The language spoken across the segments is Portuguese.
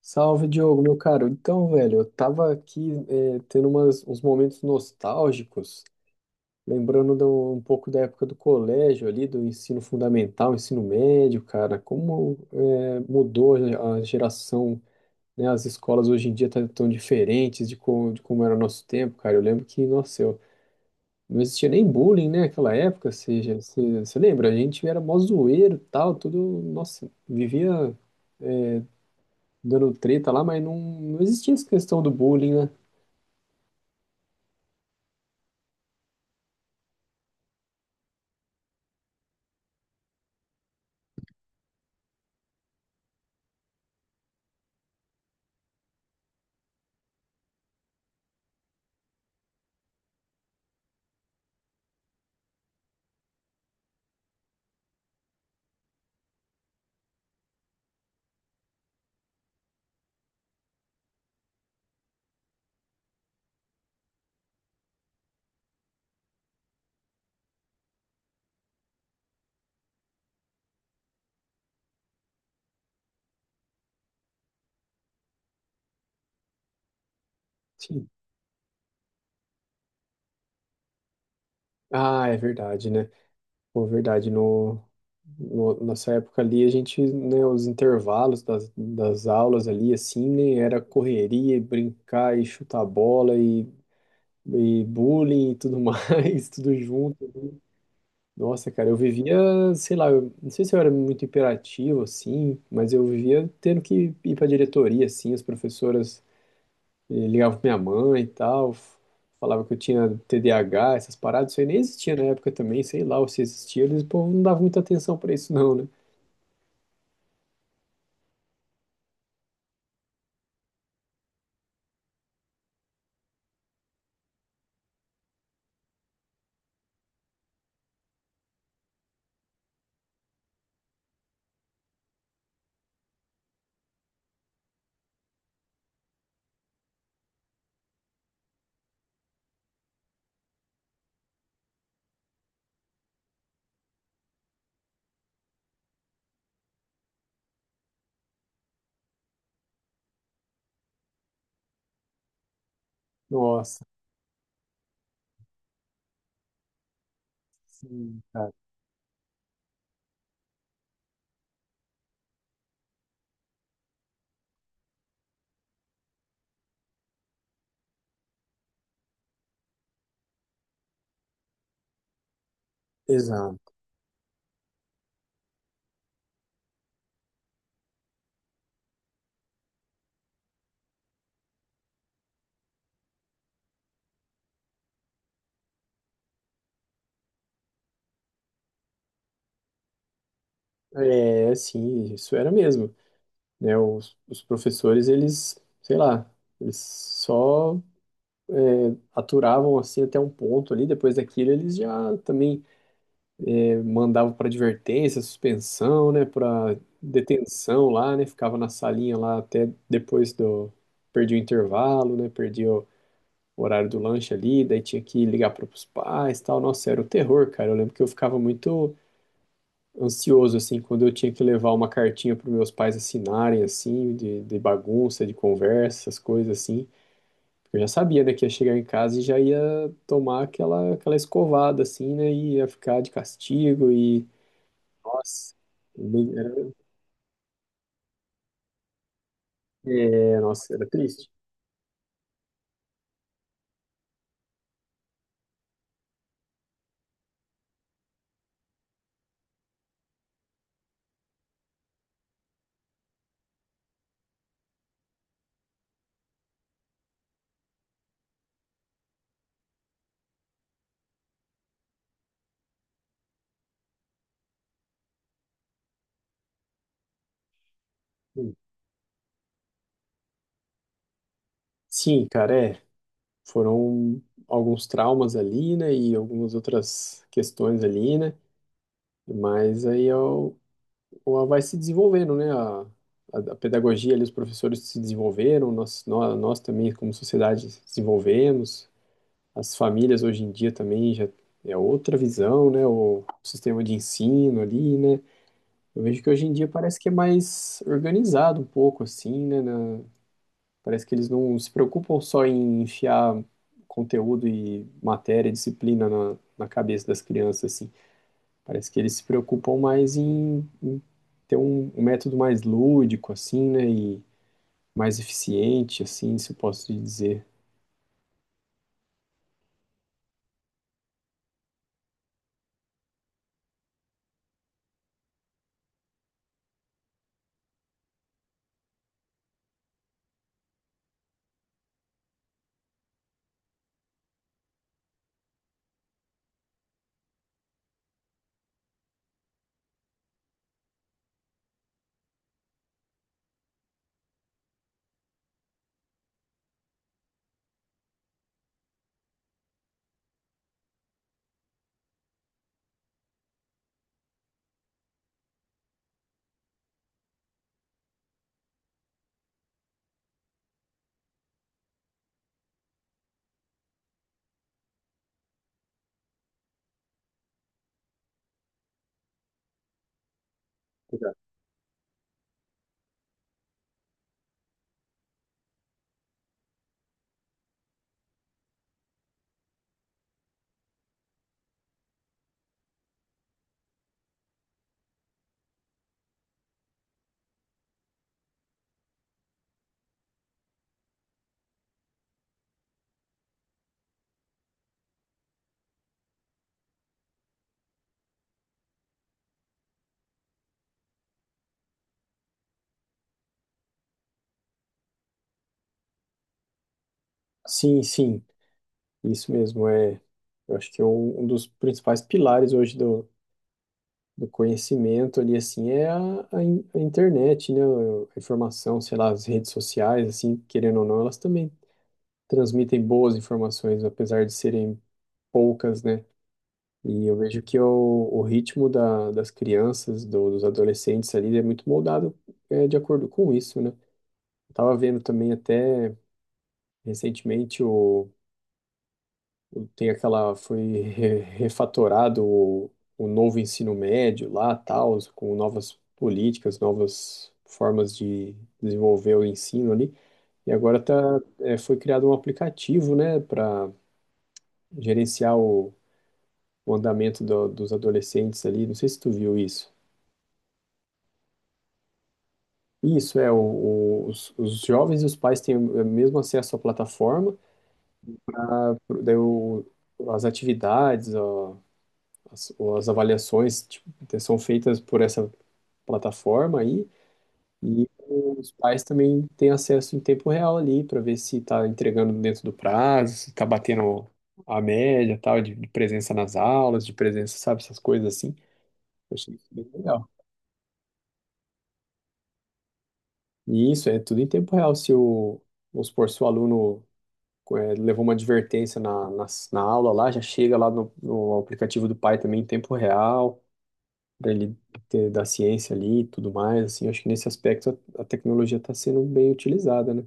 Salve, Diogo, meu caro. Então, velho, eu tava aqui tendo uns momentos nostálgicos, lembrando um pouco da época do colégio ali, do ensino fundamental, ensino médio, cara. Como mudou a geração, né? As escolas hoje em dia estão tão diferentes de como era o nosso tempo, cara. Eu lembro que, nossa, eu, não existia nem bullying, né, naquela época, ou seja, você lembra? A gente era mó zoeiro e tal, tudo, nossa, vivia dando treta lá, mas não existia essa questão do bullying, né? Sim. Ah, é verdade, né? Pô, verdade, nessa época ali, a gente, né, os intervalos das aulas ali, assim, né, era correria, e brincar e chutar bola e bullying e tudo mais, tudo junto. Nossa, cara, eu vivia, sei lá, eu, não sei se eu era muito hiperativo, assim, mas eu vivia tendo que ir pra diretoria, assim, as professoras. Eu ligava pra minha mãe e tal, falava que eu tinha TDAH, essas paradas, isso aí nem existia na época também, sei lá, ou se existia, eles, o povo não dava muita atenção pra isso não, né? Nossa, sim, cara. Exato. É, assim, isso era mesmo, né? Os professores, eles, sei lá, eles só aturavam assim até um ponto ali, depois daquilo eles já também mandava para advertência, suspensão, né, para detenção lá, né, ficava na salinha lá até depois do perdi o intervalo, né, perdi o horário do lanche ali, daí tinha que ligar para os pais, tal. Nossa, era o terror, cara. Eu lembro que eu ficava muito ansioso assim quando eu tinha que levar uma cartinha para meus pais assinarem assim, de bagunça, de conversa, essas coisas assim. Eu já sabia, né, que ia chegar em casa e já ia tomar aquela, aquela escovada, assim, né, e ia ficar de castigo e nossa, bem- era, nossa, era triste. Hum. Sim, cara, é. Foram alguns traumas ali, né? E algumas outras questões ali, né? Mas aí eu, vai se desenvolvendo, né? A pedagogia ali, os professores se desenvolveram, nós também, como sociedade, se desenvolvemos. As famílias hoje em dia também já é outra visão, né? O sistema de ensino ali, né? Eu vejo que hoje em dia parece que é mais organizado um pouco, assim, né? Parece que eles não se preocupam só em enfiar conteúdo e matéria, e disciplina na cabeça das crianças, assim. Parece que eles se preocupam mais em ter um método mais lúdico, assim, né? E mais eficiente, assim, se eu posso dizer. Exato. Sim, sim, isso mesmo. É, eu acho que é um dos principais pilares hoje do, do conhecimento ali, assim, é a internet, né? A informação, sei lá, as redes sociais, assim, querendo ou não, elas também transmitem boas informações, apesar de serem poucas, né? E eu vejo que o ritmo da, das crianças, dos adolescentes ali, é muito moldado de acordo com isso, né? Eu tava vendo também até recentemente o tem aquela foi refatorado o novo ensino médio lá, tal, com novas políticas, novas formas de desenvolver o ensino ali. E agora tá, é, foi criado um aplicativo, né, para gerenciar o andamento dos adolescentes ali. Não sei se tu viu isso. Isso, é, os jovens e os pais têm o mesmo acesso à plataforma, daí as atividades, ó, as avaliações, tipo, são feitas por essa plataforma aí, e os pais também têm acesso em tempo real ali para ver se está entregando dentro do prazo, se está batendo a média, tal, de presença nas aulas, de presença, sabe, essas coisas assim. Eu achei isso bem legal. E isso é tudo em tempo real. Se vamos supor, se o aluno levou uma advertência na aula lá, já chega lá no aplicativo do pai também em tempo real, para ele ter da ciência ali e tudo mais. Assim, acho que nesse aspecto a tecnologia está sendo bem utilizada, né?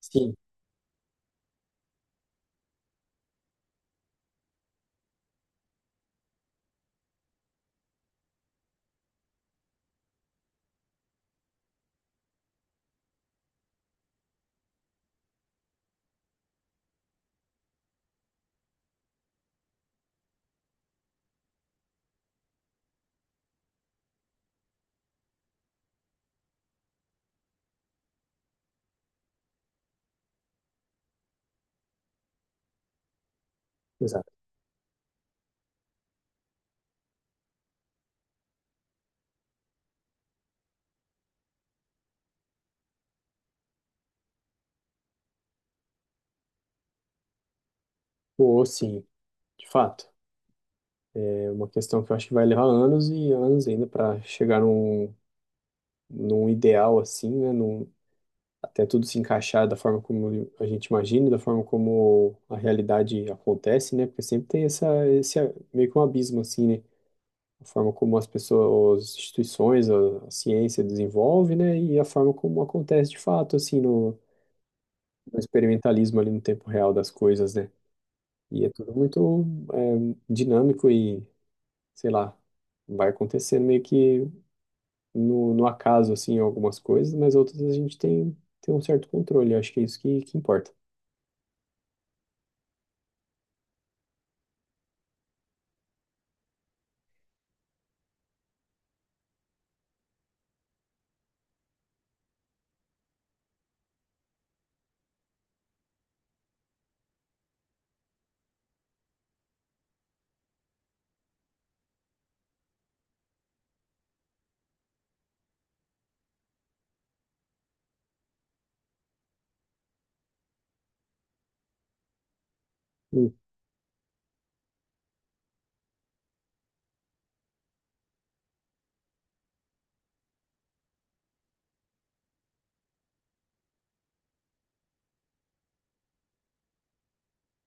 Sim, exato. Ou sim, de fato. É uma questão que eu acho que vai levar anos e anos ainda para chegar num, num ideal assim, né? Num, até tudo se encaixar da forma como a gente imagina, da forma como a realidade acontece, né? Porque sempre tem essa, esse meio que um abismo assim, né? A forma como as pessoas, as instituições, a ciência desenvolve, né? E a forma como acontece de fato, assim, no experimentalismo ali no tempo real das coisas, né? E é tudo muito dinâmico e, sei lá, vai acontecendo meio que no acaso, assim, algumas coisas, mas outras a gente tem, tem um certo controle. Eu acho que é isso que importa.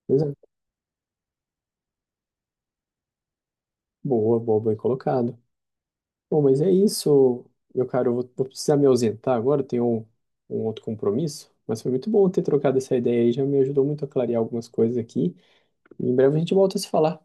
Pois é. Boa, boa, bem colocado. Bom, mas é isso, meu caro. Eu vou, vou precisar me ausentar agora, eu tenho um outro compromisso. Mas foi muito bom ter trocado essa ideia aí, já me ajudou muito a clarear algumas coisas aqui. Em breve a gente volta a se falar.